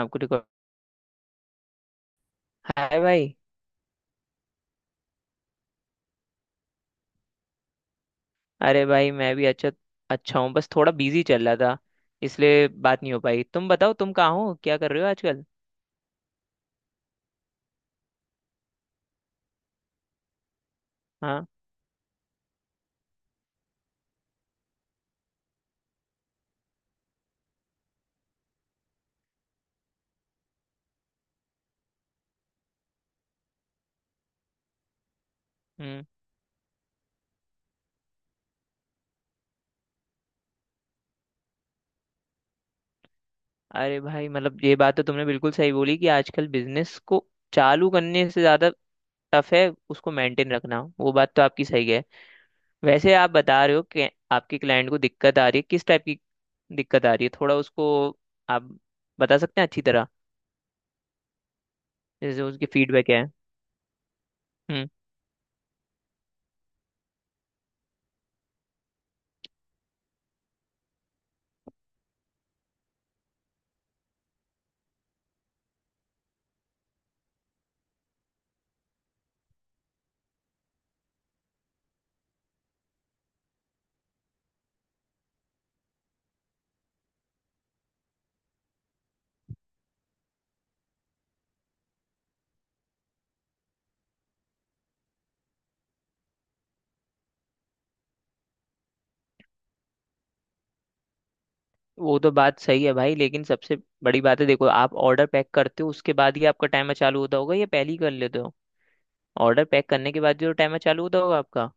आपको record. Hi, भाई। अरे भाई, मैं भी अच्छा। अच्छा हूँ, बस थोड़ा बिजी चल रहा था, इसलिए बात नहीं हो पाई। तुम बताओ, तुम कहाँ हो, क्या कर रहे हो आजकल? हाँ। हम्म। अरे भाई, मतलब ये बात तो तुमने बिल्कुल सही बोली कि आजकल बिजनेस को चालू करने से ज्यादा टफ है उसको मेंटेन रखना, वो बात तो आपकी सही है। वैसे आप बता रहे हो कि आपके क्लाइंट को दिक्कत आ रही है, किस टाइप की दिक्कत आ रही है, थोड़ा उसको आप बता सकते हैं अच्छी तरह, जैसे उसकी फीडबैक है? वो तो बात सही है भाई, लेकिन सबसे बड़ी बात है, देखो आप ऑर्डर पैक करते हो उसके बाद ही आपका टाइमर चालू होता होगा या पहले ही कर लेते हो? ऑर्डर पैक करने के बाद जो टाइमर चालू होता होगा आपका।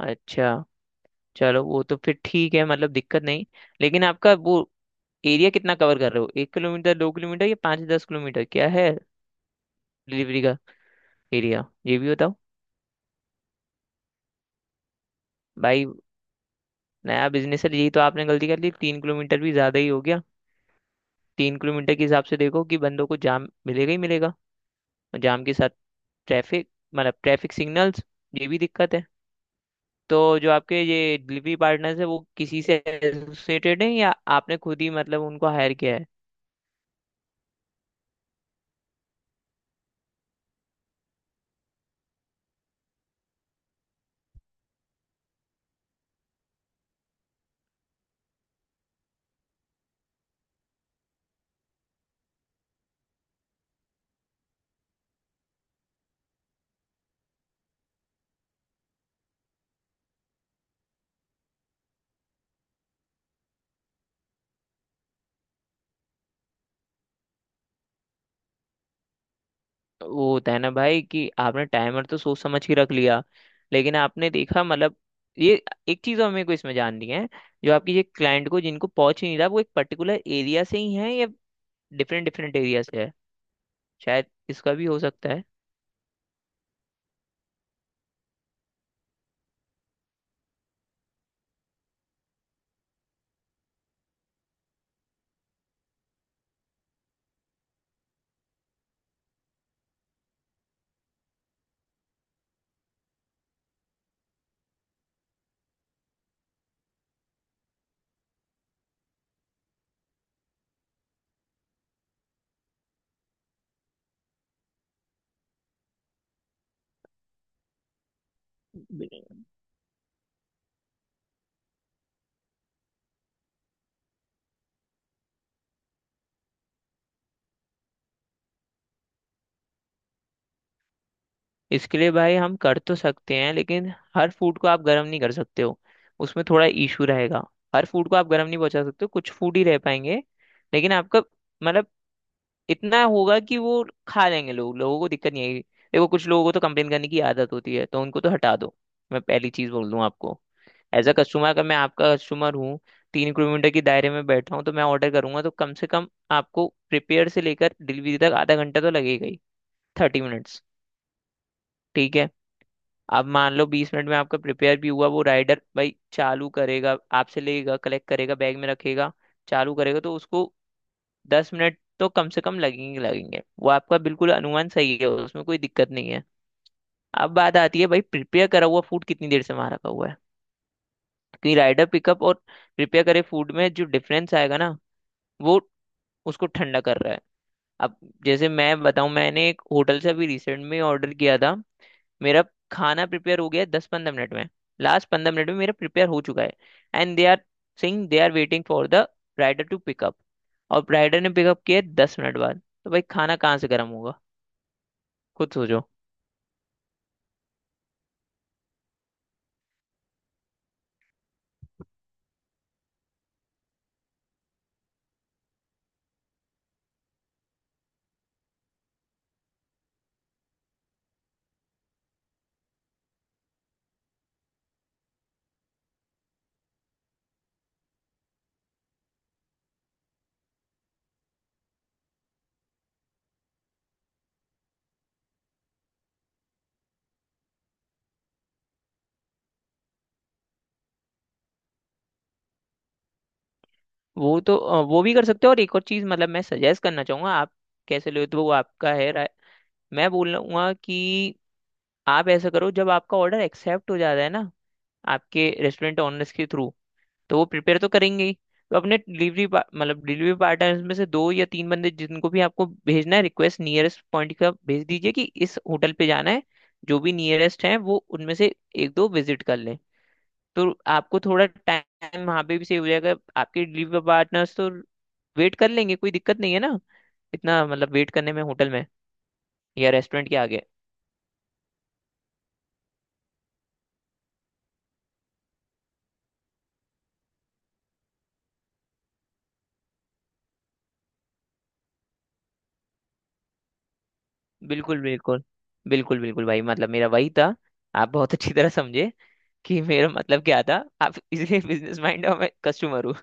अच्छा। चलो, वो तो फिर ठीक है, मतलब दिक्कत नहीं। लेकिन आपका वो एरिया कितना कवर कर रहे हो, 1 किलोमीटर, 2 किलोमीटर या 5 10 किलोमीटर, क्या है डिलीवरी का एरिया, ये भी बताओ। भाई, नया बिजनेस है, यही तो आपने गलती कर ली। 3 किलोमीटर भी ज्यादा ही हो गया। 3 किलोमीटर के हिसाब से देखो कि बंदों को जाम मिलेगा ही मिलेगा। और जाम के साथ ट्रैफिक, मतलब ट्रैफिक सिग्नल्स, ये भी दिक्कत है। तो जो आपके ये डिलीवरी पार्टनर्स है वो किसी से एसोसिएटेड है, या आपने खुद ही मतलब उनको हायर किया है? वो होता है ना भाई कि आपने टाइमर तो सोच समझ के रख लिया, लेकिन आपने देखा, मतलब ये एक चीज हमें को इसमें जाननी है, जो आपकी ये क्लाइंट को जिनको पहुंच ही नहीं रहा, वो एक पर्टिकुलर एरिया से ही है या डिफरेंट डिफरेंट एरिया से है, शायद इसका भी हो सकता है। इसके लिए भाई हम कर तो सकते हैं, लेकिन हर फूड को आप गर्म नहीं कर सकते हो, उसमें थोड़ा इशू रहेगा। हर फूड को आप गर्म नहीं पहुंचा सकते हो, कुछ फूड ही रह पाएंगे। लेकिन आपका, मतलब, इतना होगा कि वो खा लेंगे लोग, लोगों को दिक्कत नहीं आएगी। देखो कुछ लोगों को तो कंप्लेन करने की आदत होती है, तो उनको तो हटा दो, मैं पहली चीज़ बोल दूं आपको। एज अ कस्टमर, अगर मैं आपका कस्टमर हूँ, 3 किलोमीटर के दायरे में बैठा हूँ, तो मैं ऑर्डर करूंगा तो कम से कम आपको प्रिपेयर से लेकर डिलीवरी तक आधा घंटा तो लगेगा ही। 30 मिनट्स। ठीक है। अब मान लो 20 मिनट में आपका प्रिपेयर भी हुआ, वो राइडर भाई चालू करेगा, आपसे लेगा, कलेक्ट करेगा, बैग में रखेगा, चालू करेगा, तो उसको 10 मिनट तो कम से कम लगेंगे, लगेंगे। वो आपका बिल्कुल अनुमान सही है, उसमें कोई दिक्कत नहीं है। अब बात आती है भाई, प्रिपेयर करा हुआ फूड कितनी देर से वहां रखा हुआ है, क्योंकि राइडर पिकअप और प्रिपेयर करे फूड में जो डिफरेंस आएगा ना, वो उसको ठंडा कर रहा है। अब जैसे मैं बताऊं, मैंने एक होटल से अभी रिसेंट में ऑर्डर किया था। मेरा खाना प्रिपेयर हो गया है 10 15 मिनट में, लास्ट 15 मिनट में मेरा प्रिपेयर हो चुका है। And they are, sing they are waiting for the rider to pickup. और राइडर ने पिकअप किया है 10 मिनट बाद, तो भाई खाना कहाँ से गर्म होगा? खुद सोचो। वो तो वो भी कर सकते हो, और एक और चीज़, मतलब मैं सजेस्ट करना चाहूंगा, आप कैसे ले तो वो आपका है राय, मैं बोल लूंगा कि आप ऐसा करो, जब आपका ऑर्डर एक्सेप्ट हो जाता है ना आपके रेस्टोरेंट ओनर्स के थ्रू, तो वो प्रिपेयर तो करेंगे ही, तो अपने डिलीवरी मतलब डिलीवरी पार्टनर्स में से दो या तीन बंदे जिनको भी आपको भेजना है रिक्वेस्ट नियरेस्ट पॉइंट का भेज दीजिए कि इस होटल पे जाना है, जो भी नियरेस्ट है वो उनमें से एक दो विजिट कर लें। तो आपको थोड़ा टाइम वहाँ पे भी सेव हो जाएगा, आपके डिलीवरी पार्टनर्स तो वेट कर लेंगे, कोई दिक्कत नहीं है ना इतना, मतलब वेट करने में होटल में या रेस्टोरेंट के आगे। बिल्कुल बिल्कुल। बिल्कुल बिल्कुल भाई, मतलब मेरा वही था। आप बहुत अच्छी तरह समझे कि मेरा मतलब क्या था। आप इसलिए बिजनेस माइंड और मैं कस्टमर हूँ।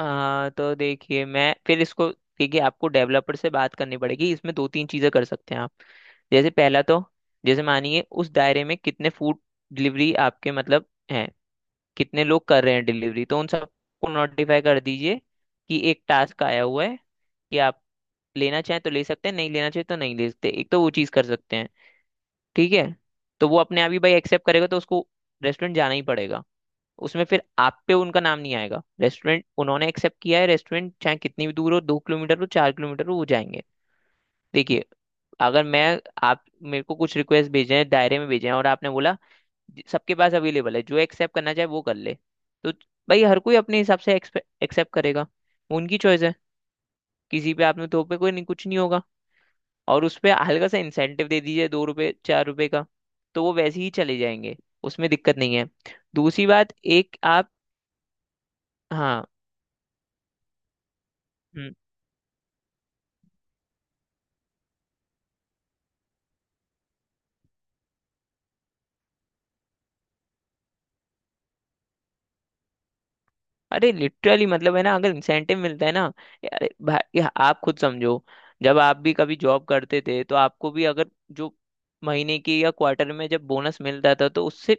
तो देखिए, मैं फिर इसको देखिए आपको डेवलपर से बात करनी पड़ेगी। इसमें दो तीन चीज़ें कर सकते हैं आप। जैसे पहला तो, जैसे मानिए उस दायरे में कितने फूड डिलीवरी आपके मतलब हैं, कितने लोग कर रहे हैं डिलीवरी, तो उन सबको नोटिफाई कर दीजिए कि एक टास्क आया हुआ है, कि आप लेना चाहें तो ले सकते हैं, नहीं लेना चाहें तो नहीं ले सकते, एक तो वो चीज़ कर सकते हैं। ठीक है? तो वो अपने आप ही भाई एक्सेप्ट करेगा तो उसको रेस्टोरेंट जाना ही पड़ेगा, उसमें फिर आप पे उनका नाम नहीं आएगा, रेस्टोरेंट उन्होंने एक्सेप्ट किया है, रेस्टोरेंट चाहे कितनी भी दूर हो, 2 किलोमीटर हो, 4 किलोमीटर हो, वो जाएंगे। देखिए, अगर मैं, आप मेरे को कुछ रिक्वेस्ट भेजे हैं दायरे में भेजे हैं और आपने बोला, "जी, सबके पास अवेलेबल है, जो एक्सेप्ट करना चाहे वो कर ले", तो भाई हर कोई अपने हिसाब से एक्सेप्ट करेगा, वो उनकी चॉइस है। किसी पे आपने तो पे कोई नहीं कुछ नहीं होगा। और उस पे हल्का सा इंसेंटिव दे दीजिए, 2 रुपये 4 रुपये का, तो वो वैसे ही चले जाएंगे, उसमें दिक्कत नहीं है। दूसरी बात, एक आप। हाँ। हम्म। अरे लिटरली, मतलब है ना अगर इंसेंटिव मिलता है ना, यार भाई आप खुद समझो, जब आप भी कभी जॉब करते थे तो आपको भी अगर जो महीने की या क्वार्टर में जब बोनस मिलता था, तो उससे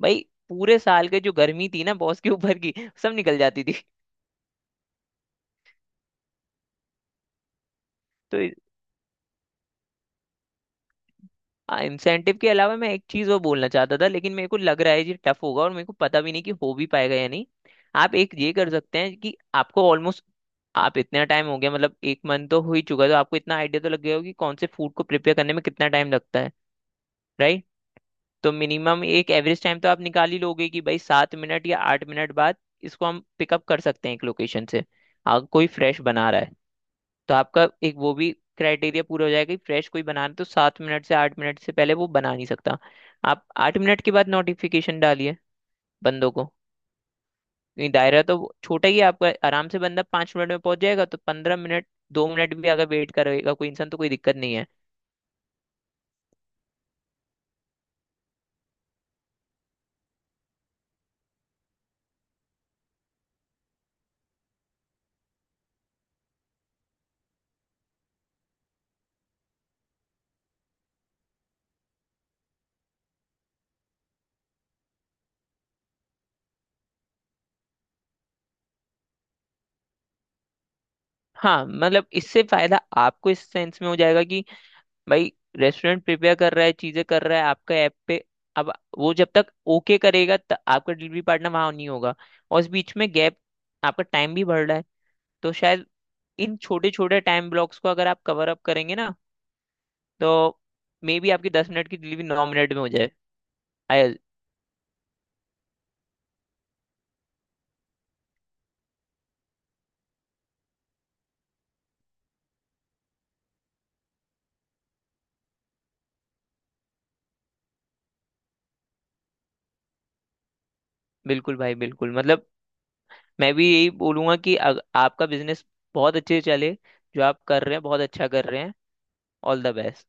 भाई पूरे साल के जो गर्मी थी ना बॉस के ऊपर की, सब निकल जाती थी। तो इंसेंटिव के अलावा मैं एक चीज और बोलना चाहता था, लेकिन मेरे को लग रहा है ये टफ होगा, और मेरे को पता भी नहीं कि हो भी पाएगा या नहीं। आप एक ये कर सकते हैं कि आपको ऑलमोस्ट, आप इतना टाइम हो गया, मतलब 1 मंथ तो हो ही चुका है, तो आपको इतना आइडिया तो लग गया होगा कि कौन से फूड को प्रिपेयर करने में कितना टाइम लगता है, राइट? तो मिनिमम एक एवरेज टाइम तो आप निकाल ही लोगे कि भाई 7 मिनट या 8 मिनट बाद इसको हम पिकअप कर सकते हैं एक लोकेशन से, अगर कोई फ्रेश बना रहा है। तो आपका एक वो भी क्राइटेरिया पूरा हो जाएगा कि फ्रेश कोई बनाना तो 7 मिनट से 8 मिनट से पहले वो बना नहीं सकता। आप 8 मिनट के बाद नोटिफिकेशन डालिए बंदों को, क्योंकि दायरा तो वो छोटा ही है आपका, आराम से बंदा 5 मिनट में पहुंच जाएगा, तो 15 मिनट, 2 मिनट भी अगर वेट करेगा कोई इंसान, तो कोई दिक्कत नहीं है। हाँ, मतलब इससे फायदा आपको इस सेंस में हो जाएगा कि भाई रेस्टोरेंट प्रिपेयर कर रहा है, चीजें कर रहा है आपका ऐप पे, अब वो जब तक ओके करेगा तब आपका डिलीवरी पार्टनर वहां नहीं होगा, और इस बीच में गैप, आपका टाइम भी बढ़ रहा है, तो शायद इन छोटे छोटे टाइम ब्लॉक्स को अगर आप कवर अप करेंगे ना, तो मे बी आपकी 10 मिनट की डिलीवरी 9 मिनट में हो जाए। आई, बिल्कुल भाई बिल्कुल, मतलब मैं भी यही बोलूंगा कि आपका बिजनेस बहुत अच्छे से चले, जो आप कर रहे हैं बहुत अच्छा कर रहे हैं, ऑल द बेस्ट।